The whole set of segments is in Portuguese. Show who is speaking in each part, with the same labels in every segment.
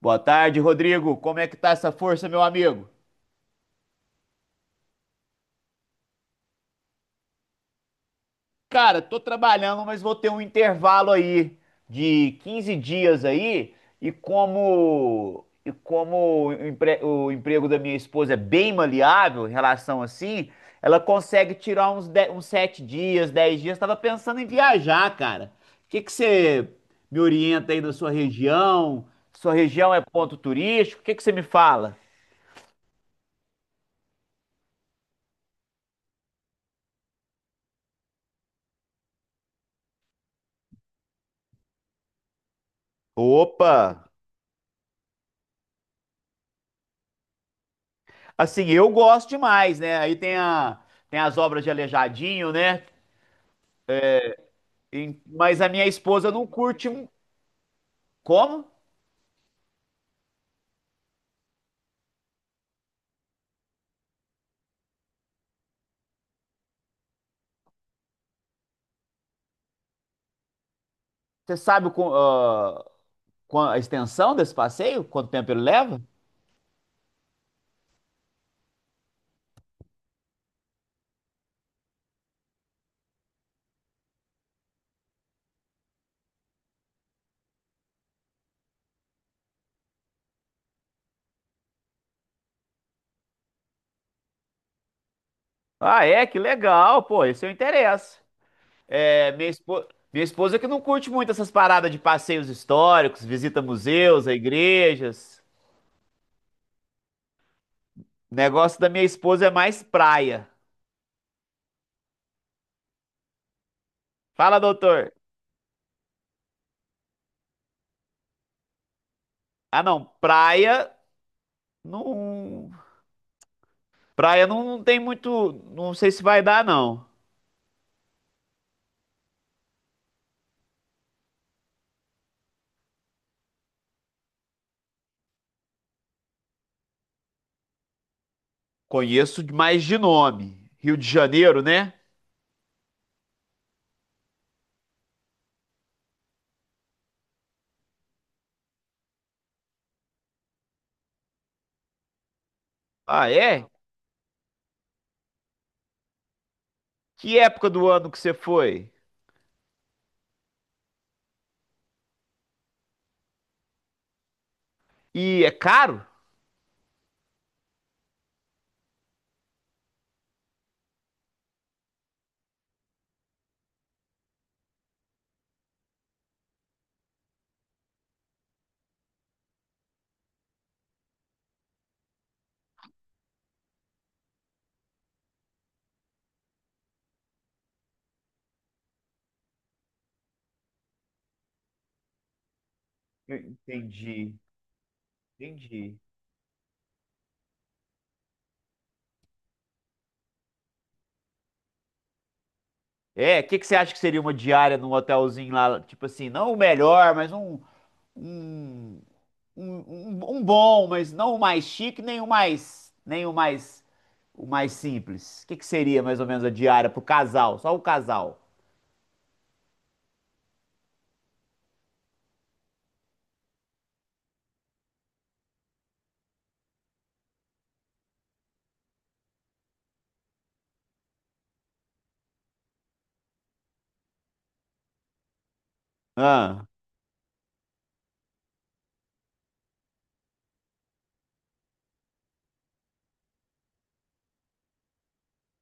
Speaker 1: Boa tarde, Rodrigo. Como é que tá essa força, meu amigo? Cara, tô trabalhando, mas vou ter um intervalo aí de 15 dias aí, o emprego da minha esposa é bem maleável em relação assim, ela consegue tirar uns 7 dias, 10 dias. Tava pensando em viajar, cara. O que que você me orienta aí na sua região? Sua região é ponto turístico? O que que você me fala? Opa! Assim, eu gosto demais, né? Tem as obras de Aleijadinho, né? Mas a minha esposa não curte. Como? Você sabe o qu- ah, qua- a extensão desse passeio? Quanto tempo ele leva? Ah, é? Que legal, pô. Esse eu interessa. É, minha esposa, minha esposa que não curte muito essas paradas de passeios históricos, visita museus, a igrejas. O negócio da minha esposa é mais praia. Fala, doutor. Ah, não. Não. Praia não, não tem muito. Não sei se vai dar, não. Conheço mais de nome. Rio de Janeiro, né? Ah, é? Que época do ano que você foi? E é caro? Eu Entendi, entendi. É, o que que você acha que seria uma diária num hotelzinho lá? Tipo assim, não o melhor, mas um, um, um bom, mas não o mais chique, nem o mais, nem o mais, o mais simples. O que que seria mais ou menos a diária pro casal? Só o casal? Ah,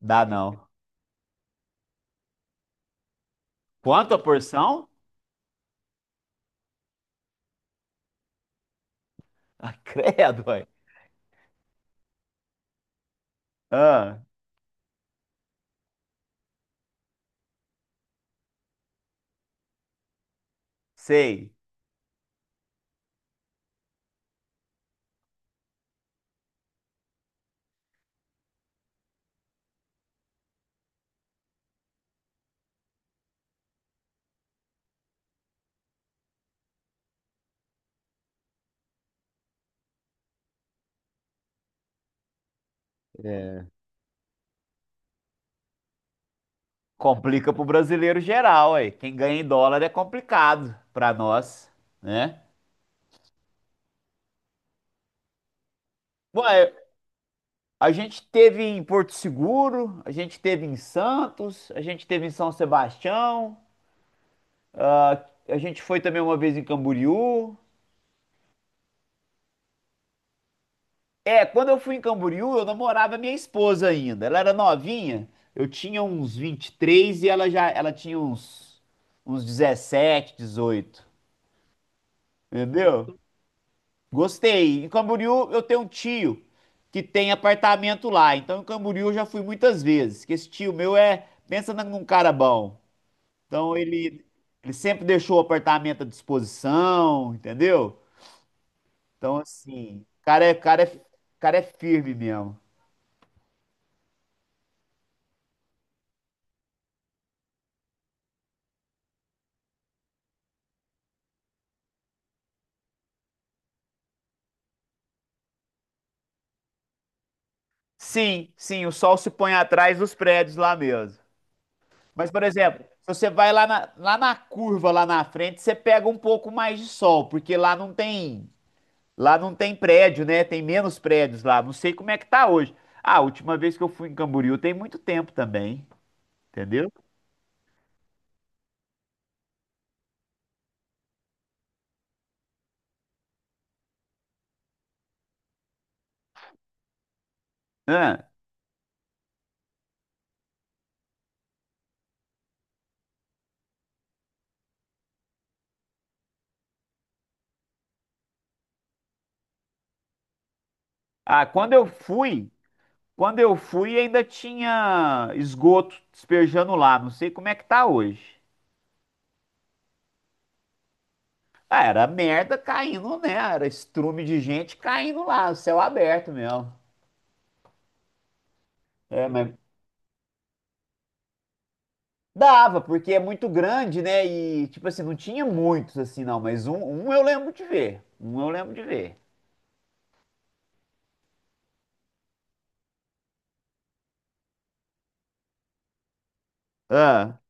Speaker 1: dá não. Quanto a porção? Ah, credo, ué. Ah, sei. É. Complica pro brasileiro geral, ué. Quem ganha em dólar é complicado pra nós, né? Ué, a gente teve em Porto Seguro, a gente teve em Santos, a gente teve em São Sebastião, ah, a gente foi também uma vez em Camboriú. É, quando eu fui em Camboriú, eu namorava minha esposa ainda. Ela era novinha, eu tinha uns 23 ela tinha uns 17, 18. Entendeu? Gostei. Em Camboriú eu tenho um tio que tem apartamento lá. Então em Camboriú eu já fui muitas vezes. Que esse tio meu é, pensa num cara bom. Então ele sempre deixou o apartamento à disposição, entendeu? Então assim, o cara é firme mesmo. Sim, sim, o sol se põe atrás dos prédios lá mesmo. Mas, por exemplo, se você vai lá na curva, lá na frente, você pega um pouco mais de sol, porque lá não tem. Lá não tem prédio, né? Tem menos prédios lá. Não sei como é que tá hoje. Ah, a última vez que eu fui em Camboriú tem muito tempo também, entendeu? Ah, ah, quando eu fui, quando eu fui ainda tinha esgoto despejando lá. Não sei como é que tá hoje. Ah, era merda caindo, né? Era estrume de gente caindo lá, céu aberto mesmo. É, mas dava, porque é muito grande, né? E tipo assim, não tinha muitos assim não, mas um eu lembro de ver. Um eu lembro de ver. Ah.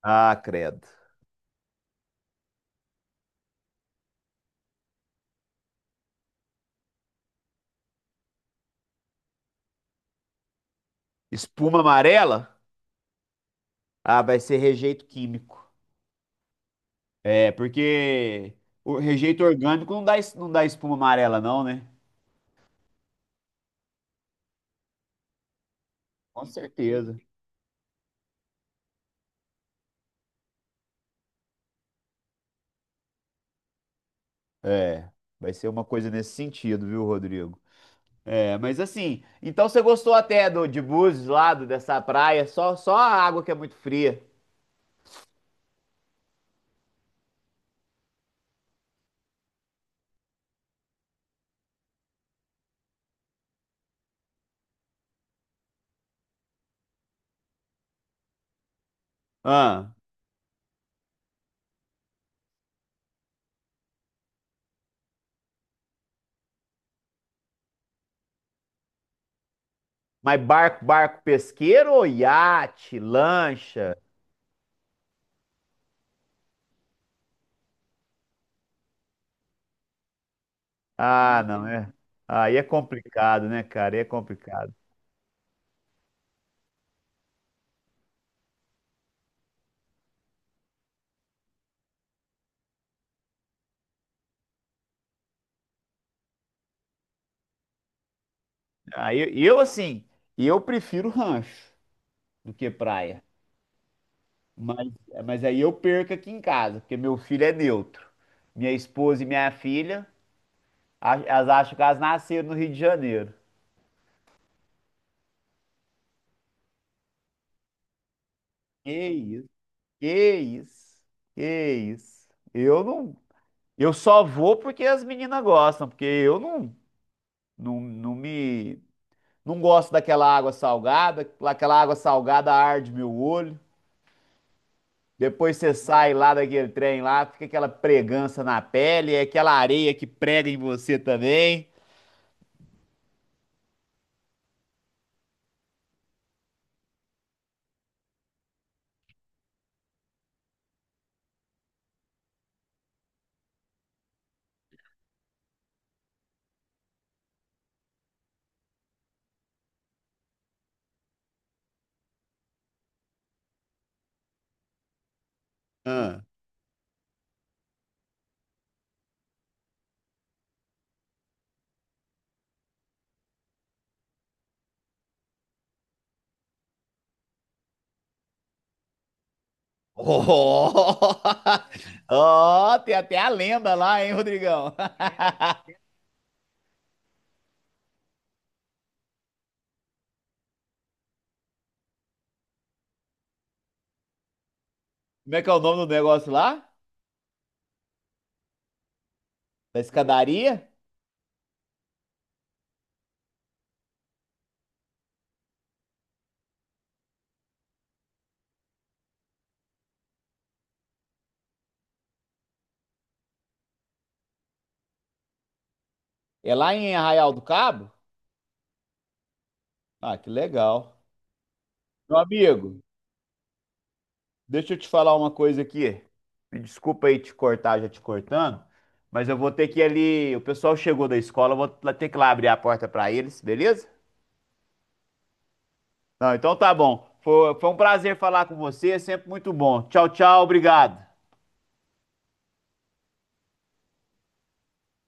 Speaker 1: Ah, credo. Espuma amarela? Ah, vai ser rejeito químico. É, porque o rejeito orgânico não dá espuma amarela, não, né? Com certeza. É, vai ser uma coisa nesse sentido, viu, Rodrigo? É, mas assim, então você gostou até do de Búzios lá, dessa praia, só a água que é muito fria. Ah, mas barco pesqueiro ou iate, lancha? Ah, não, é. Aí é complicado, né, cara? Aí é complicado. Aí eu assim, eu prefiro rancho do que praia. Mas, mas aí eu perco aqui em casa, porque meu filho é neutro. Minha esposa e minha filha elas acham que elas nasceram no Rio de Janeiro. Que isso, que isso, que isso. Eu não, Eu só vou porque as meninas gostam, porque eu não, não, não me, não gosto daquela água salgada, aquela água salgada arde meu olho. Depois você sai lá daquele trem lá, fica aquela pregança na pele, é aquela areia que prega em você também. Ah. Oh, oh, tem até a lenda lá, hein, Rodrigão? Como é que é o nome do negócio lá? Da escadaria? É lá em Arraial do Cabo? Ah, que legal. Meu amigo, deixa eu te falar uma coisa aqui. Me desculpa aí te cortar, já te cortando, mas eu vou ter que ir ali. O pessoal chegou da escola, eu vou lá ter que lá abrir a porta pra eles, beleza? Não, então tá bom. Foi um prazer falar com você, sempre muito bom. Tchau, tchau, obrigado.